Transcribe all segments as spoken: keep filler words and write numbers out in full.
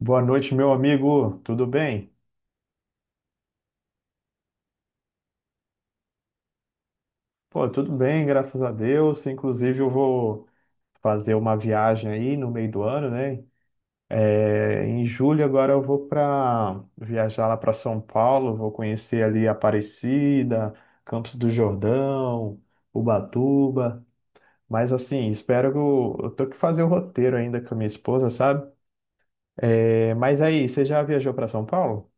Boa noite, meu amigo. Tudo bem? Pô, tudo bem, graças a Deus. Inclusive, eu vou fazer uma viagem aí no meio do ano, né? É, em julho agora eu vou para viajar lá para São Paulo, vou conhecer ali Aparecida, Campos do Jordão, Ubatuba. Mas assim, espero que eu, eu tô que fazer o roteiro ainda com a minha esposa, sabe? É, mas aí, você já viajou para São Paulo?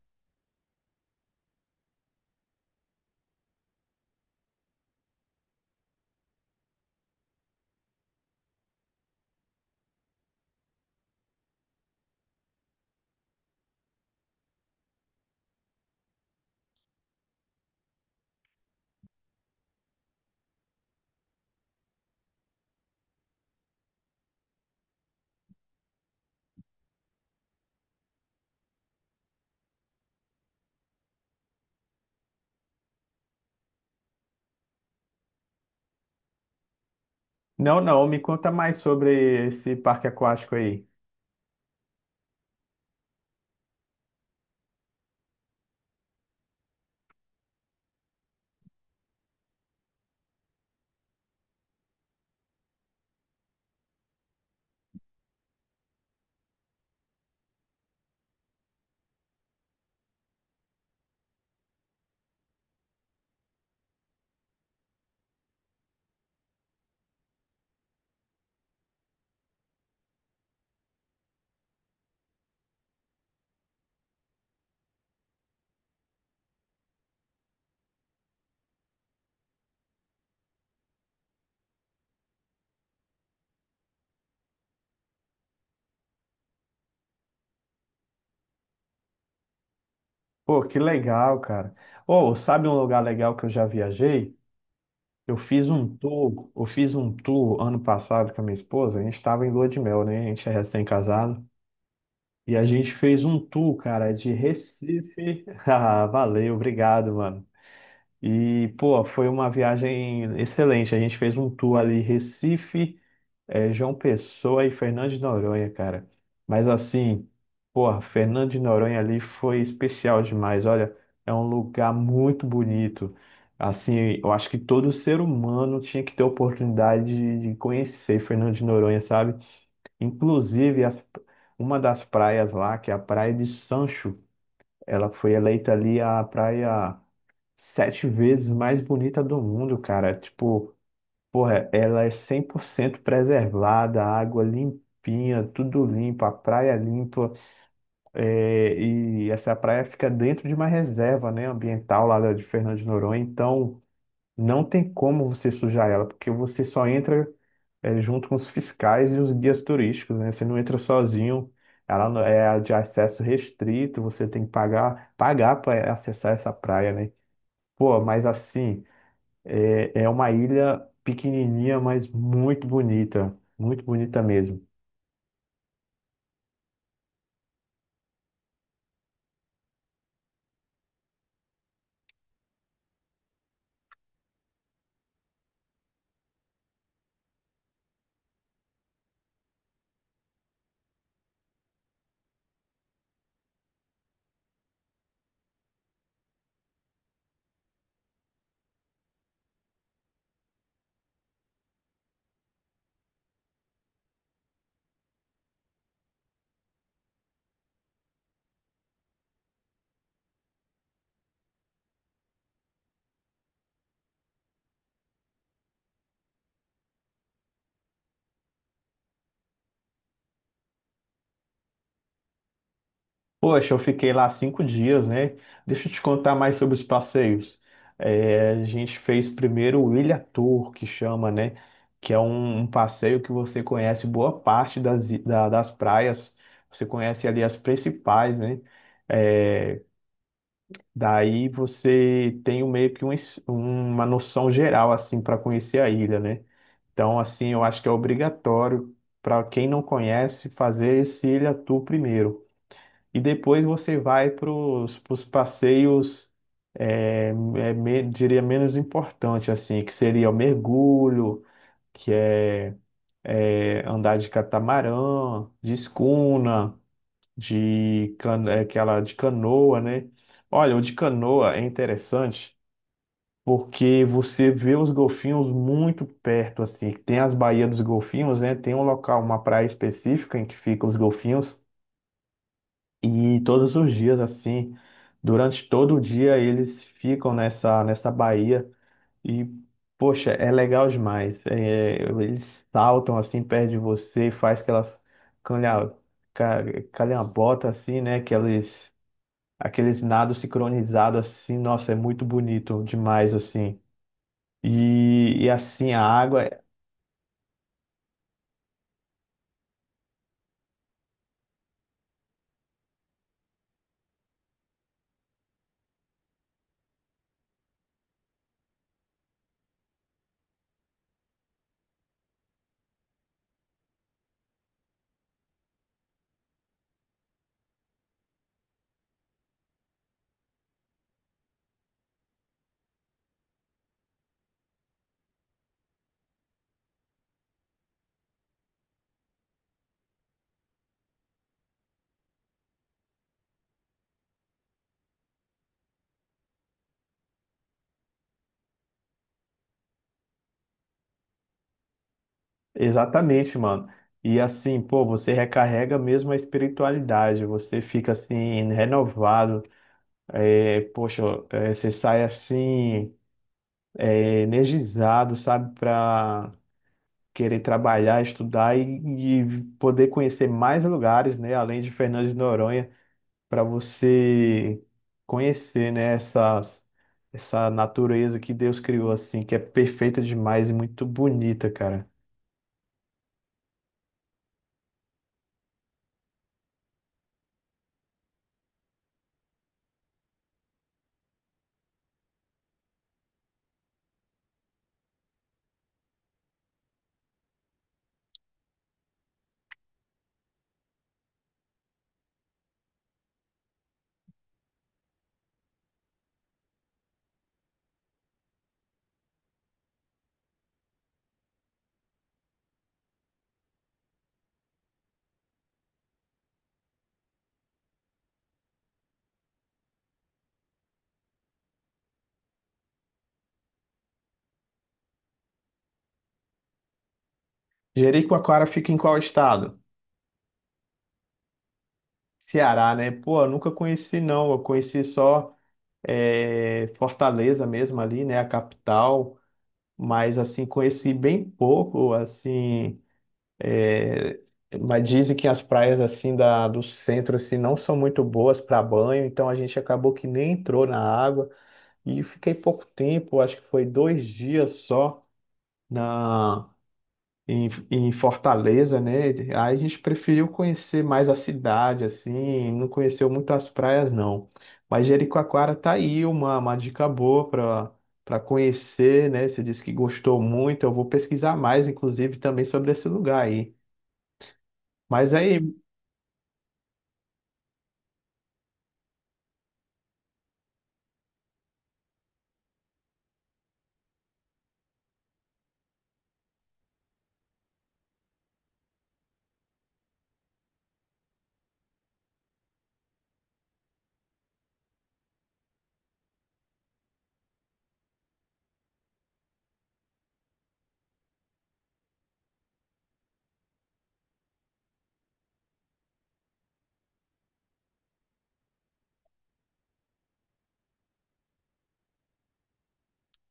Não, não. Me conta mais sobre esse parque aquático aí. Pô, que legal, cara. Ou sabe um lugar legal que eu já viajei? Eu fiz um tour, eu fiz um tour ano passado com a minha esposa. A gente estava em lua de mel, né? A gente é recém-casado. E a gente fez um tour, cara, de Recife. Ah, valeu, obrigado, mano. E, pô, foi uma viagem excelente. A gente fez um tour ali, Recife. É João Pessoa e Fernando de Noronha, cara. Mas assim, porra, Fernando de Noronha ali foi especial demais. Olha, é um lugar muito bonito. Assim, eu acho que todo ser humano tinha que ter a oportunidade de, de conhecer Fernando de Noronha, sabe? Inclusive, as- uma das praias lá, que é a Praia de Sancho, ela foi eleita ali a praia sete vezes mais bonita do mundo, cara. Tipo, porra, ela é cem por cento preservada, a água limpinha, tudo limpo, a praia limpa, é, e essa praia fica dentro de uma reserva, né, ambiental lá da- de Fernando de Noronha, então não tem como você sujar ela, porque você só entra, é, junto com os fiscais e os guias turísticos, né, você não entra sozinho, ela não- é de acesso restrito, você tem que pagar, pagar para acessar essa praia, né. Pô, mas assim. É, é uma ilha pequenininha, mas muito bonita, muito bonita mesmo. Poxa, eu fiquei lá cinco dias, né? Deixa eu te contar mais sobre os passeios. É, a gente fez primeiro o Ilha Tour, que chama, né? Que é um, um passeio que você conhece boa parte das, i- da- das praias. Você conhece ali as principais, né? É, daí você tem um- meio que um es- uma noção geral, assim, para conhecer a ilha, né? Então, assim, eu acho que é obrigatório para quem não conhece fazer esse Ilha Tour primeiro. E depois você vai para os passeios, é, é, me- diria, menos importante, assim, que seria o mergulho, que é, é andar de catamarã, de escuna, de, can, é, aquela de canoa, né? Olha, o de canoa é interessante porque você vê os golfinhos muito perto, assim. Tem as baías dos golfinhos, né? Tem um local, uma praia específica em que ficam os golfinhos, e todos os dias, assim, durante todo o dia, eles ficam nessa, nessa baía, e, poxa, é legal demais. É, eles saltam, assim, perto de você e faz aquelas calha, ca- calhambotas, assim, né? Aqueles, aqueles nados sincronizados, assim. Nossa, é muito bonito demais, assim. E, e assim, a água, exatamente, mano. E assim, pô, você recarrega mesmo a espiritualidade, você fica assim, renovado. É, poxa, é, você sai assim, é, energizado, sabe, para querer trabalhar, estudar e, e poder conhecer mais lugares, né, além de Fernando de Noronha, para você conhecer, né, essas, essa natureza que Deus criou, assim, que é perfeita demais e muito bonita, cara. Jericoacoara fica em qual estado? Ceará, né? Pô, eu nunca conheci, não. Eu conheci só é, Fortaleza mesmo ali, né? A capital. Mas, assim, conheci bem pouco, assim. é, Mas dizem que as praias, assim, da, do centro, assim, não são muito boas para banho. Então, a gente acabou que nem entrou na água. E fiquei pouco tempo, acho que foi dois dias só na... em, em Fortaleza, né? Aí a gente preferiu conhecer mais a cidade, assim, não conheceu muito as praias, não. Mas Jericoacoara tá aí uma, uma dica boa para para conhecer, né? Você disse que gostou muito, eu vou pesquisar mais, inclusive, também sobre esse lugar aí. Mas aí,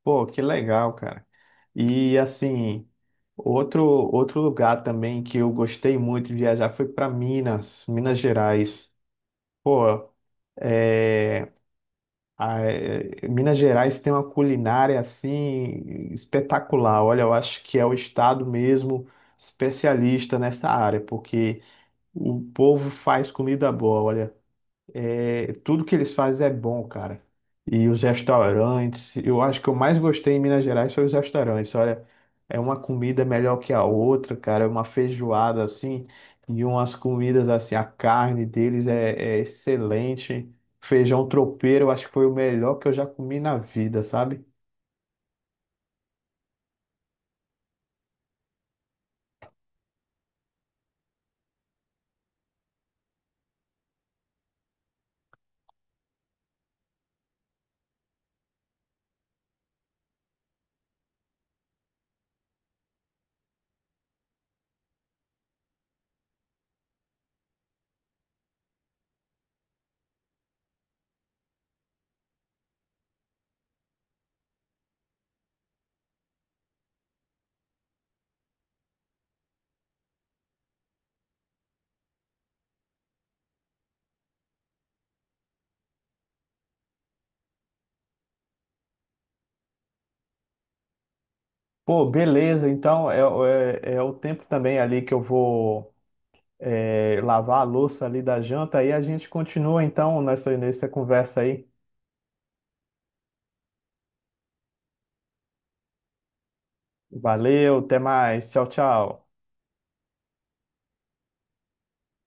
pô, que legal, cara. E assim, outro outro lugar também que eu gostei muito de viajar foi para Minas, Minas Gerais. Pô, ah, é- é, Minas Gerais tem uma culinária assim espetacular. Olha, eu acho que é o estado mesmo especialista nessa área, porque o povo faz comida boa. Olha, é, tudo que eles fazem é bom, cara. E os restaurantes, eu acho que eu mais gostei em Minas Gerais foi os restaurantes. Olha, é uma comida melhor que a outra, cara. É uma feijoada assim, e umas comidas assim. A carne deles é, é excelente. Feijão tropeiro, eu acho que foi o melhor que eu já comi na vida, sabe? Pô, beleza. Então é, é, é o tempo também ali que eu vou é, lavar a louça ali da janta. Aí a gente continua então nessa, nessa conversa aí. Valeu, até mais. Tchau, tchau.